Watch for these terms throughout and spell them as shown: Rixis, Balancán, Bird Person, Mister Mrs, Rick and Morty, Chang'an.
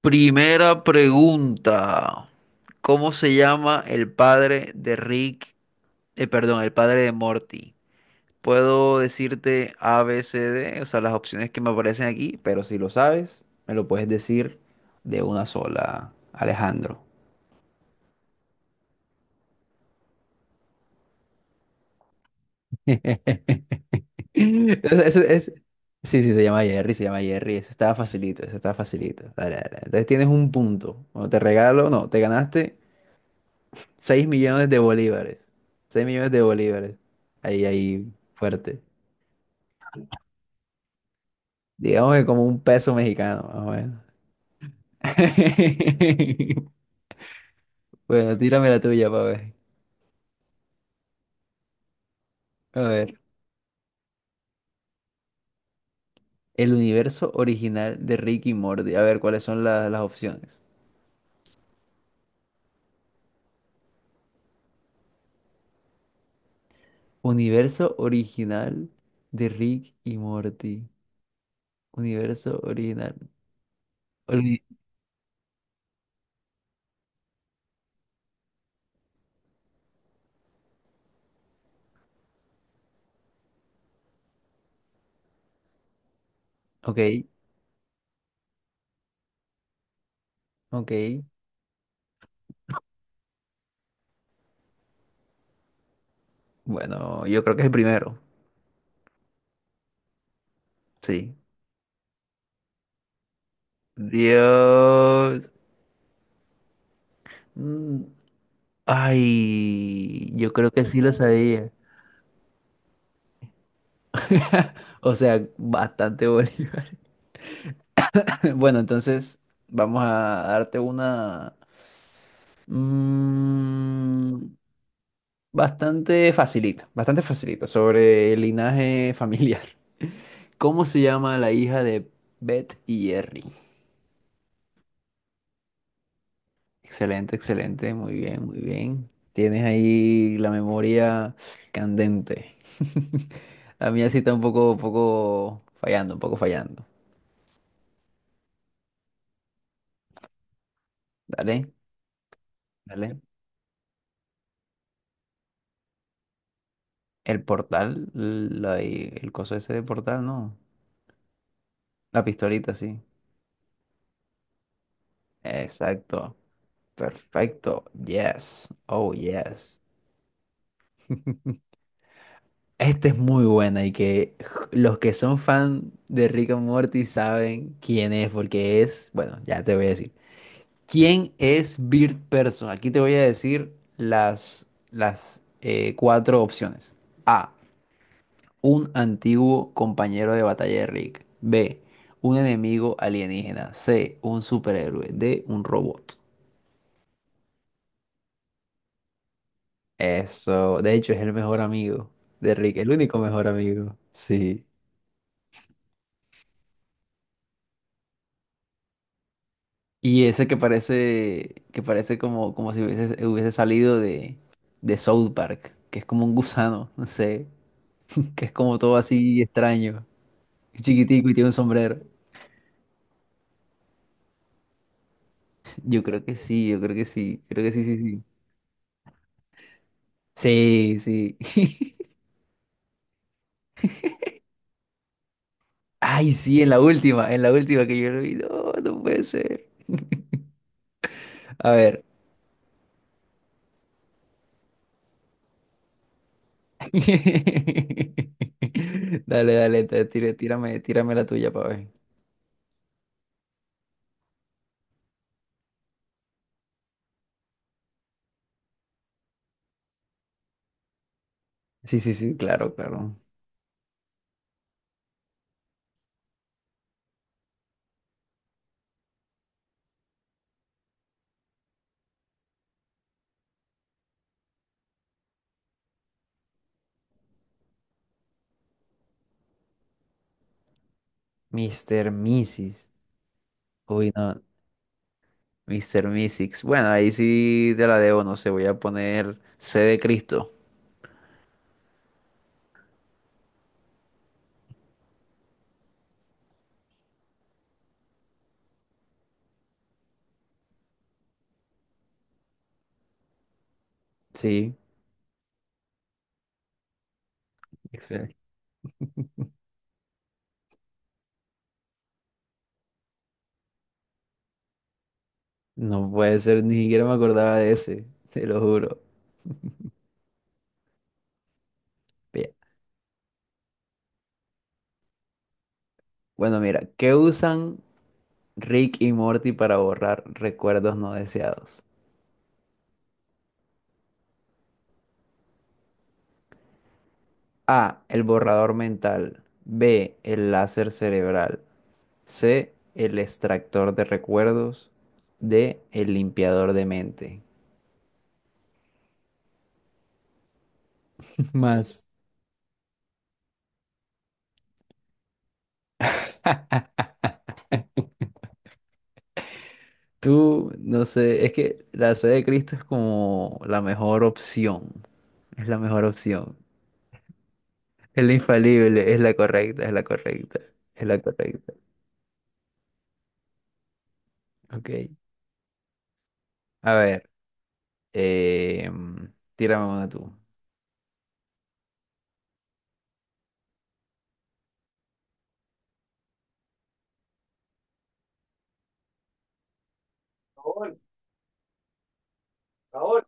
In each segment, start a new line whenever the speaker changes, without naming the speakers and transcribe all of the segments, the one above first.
Primera pregunta. ¿Cómo se llama el padre de Rick? Perdón, el padre de Morty. Puedo decirte A, B, C, D, o sea, las opciones que me aparecen aquí, pero si lo sabes, me lo puedes decir de una sola, Alejandro. Es- es- es- Sí, sí, se llama Jerry, se llama Jerry. Eso estaba facilito, eso estaba facilito. Dale, dale. Entonces tienes un punto. Bueno, te regalo, no, te ganaste 6 millones de bolívares. 6 millones de bolívares. Ahí, ahí, fuerte. Digamos que como un peso mexicano, más o menos. Bueno, tírame la tuya para ver. A ver. El universo original de Rick y Morty. A ver, ¿cuáles son las opciones? Universo original de Rick y Morty. Universo original. Oli- Ok, ok. Bueno, yo creo que es el primero. Sí. Dios. Mm, Ay, yo creo que sí lo sabía. O sea, bastante Bolívar. Bueno, entonces vamos a darte una mm, bastante facilita sobre el linaje familiar. ¿Cómo se llama la hija de Beth y Jerry? Excelente, excelente, muy bien, muy bien. Tienes ahí la memoria candente. La mía sí está un poco fallando, un poco fallando. Dale. Dale. El portal, y el coso ese de portal, no. La pistolita, sí. Exacto. Perfecto. Yes. Oh, yes. Esta es muy buena y que los que son fan de Rick and Morty saben quién es, porque es, bueno, ya te voy a decir. ¿Quién es Bird Person? Aquí te voy a decir las cuatro opciones. A. Un antiguo compañero de batalla de Rick. B. Un enemigo alienígena. C. Un superhéroe. D. Un robot. Eso. De hecho, es el mejor amigo de Rick. El único mejor amigo. Sí. Y ese que parece como si hubiese salido de South Park, que es como un gusano, no sé, que es como todo así extraño, chiquitico y tiene un sombrero. Yo creo que sí, yo creo que sí, sí, sí. Sí, sí. Ay, sí, en la última que yo lo vi. No, no puede ser. A ver. Dale, dale, tírame la tuya para ver. Sí, sí, sí, claro, claro. Mister Mrs. Uy, no, Mister Mrs. Bueno, ahí sí te la debo, no sé, voy a poner C de Cristo. Sí, excelente. No puede ser, ni siquiera me acordaba de ese, te lo juro. Bien. Bueno, mira, ¿qué usan Rick y Morty para borrar recuerdos no deseados? A, el borrador mental. B, el láser cerebral. C, el extractor de recuerdos. D, el limpiador de mente. Más, tú, no sé, es que la C de Cristo es como la mejor opción. Es la mejor opción. Es la infalible, es la correcta, es la correcta, es la correcta. Ok. A ver, eh, tírame una tú.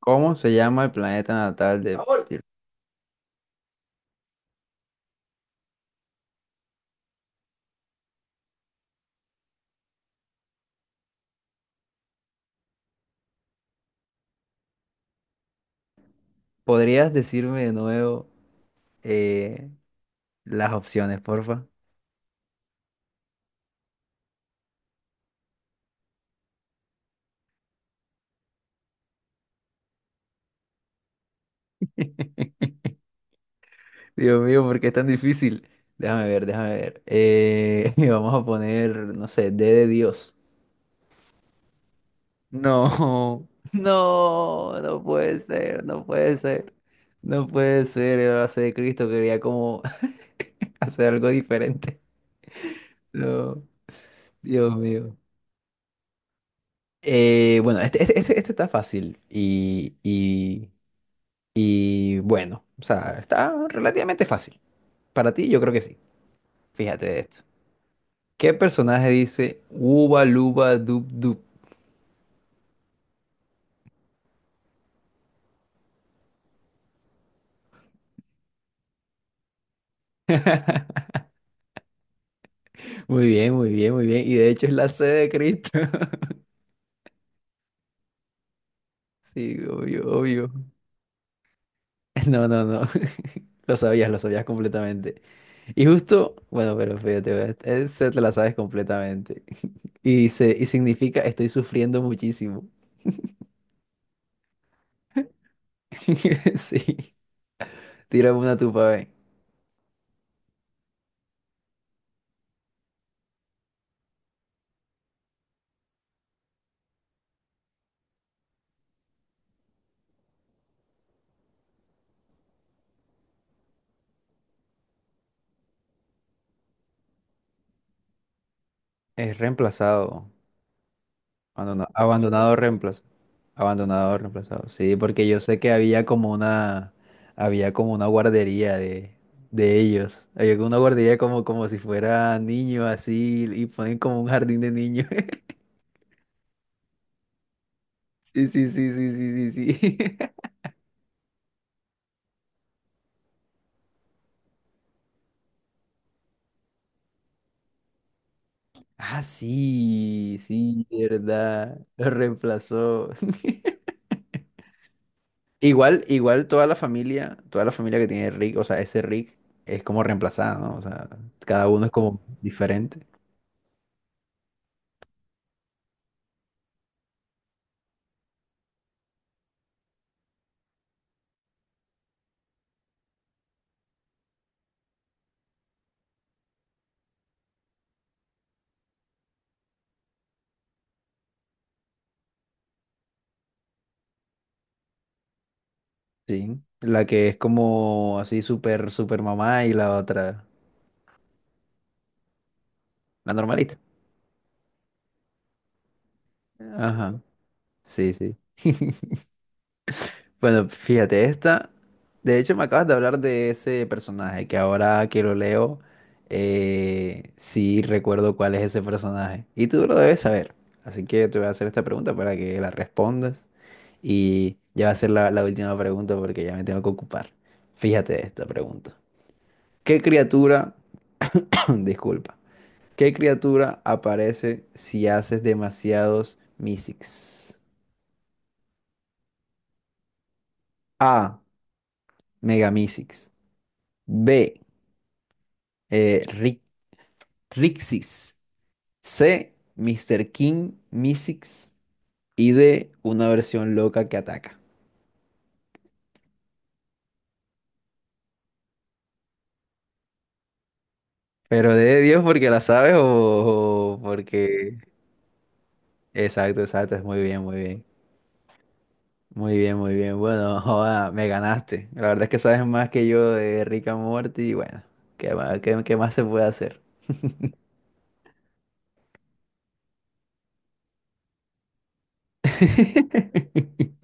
¿Cómo se llama el planeta natal de... ¿Podrías decirme de nuevo eh, las opciones, porfa? Dios mío, ¿por qué es tan difícil? Déjame ver, déjame ver. Y vamos a poner, no sé, D de Dios. No, no, no puede ser, no puede ser. No puede ser, el base de Cristo quería como hacer algo diferente. No, Dios mío. Bueno, este está fácil y bueno, o sea, está relativamente fácil. Para ti, yo creo que sí. Fíjate de esto. ¿Qué personaje dice uba luba dub dub? Muy bien, muy bien, muy bien. Y de hecho es la C de Cristo. Sí, obvio, obvio. No, no, no. Lo sabías completamente. Y justo, bueno, pero fíjate, ve, te la sabes completamente. Y dice, y significa estoy sufriendo muchísimo. Sí. Tírame una tupa, ve. Es reemplazado. Abandonado, abandonado reemplazo. Abandonado, reemplazado. Sí, porque yo sé que había como una guardería de ellos. Había como una guardería como si fuera niño así y ponen como un jardín de niños. Sí, sí, sí, sí, sí, sí, sí. Ah, sí, sí, verdad. Lo reemplazó. Igual, igual toda la familia que tiene Rick, o sea, ese Rick es como reemplazada, ¿no? O sea, cada uno es como diferente. Sí, la que es como así súper, súper mamá y la otra, la normalita. Ajá, sí, sí. Bueno, fíjate, esta, de hecho me acabas de hablar de ese personaje, que ahora que lo leo, sí recuerdo cuál es ese personaje. Y tú lo debes saber. Así que te voy a hacer esta pregunta para que la respondas. Y ya va a ser la última pregunta porque ya me tengo que ocupar. Fíjate esta pregunta. ¿Qué criatura, disculpa. ¿Qué criatura aparece si haces demasiados Mysics? A. Mega B. eh, Ri- Rixis. C. Mister King Mysics. Y D. Una versión loca que ataca. Pero de Dios porque la sabes o porque... Exacto, exacto. Es muy bien, muy bien. Muy bien, muy bien. Bueno, joda, me ganaste. La verdad es que sabes más que yo de Rick and Morty. Y bueno, ¿qué más, qué más se puede hacer?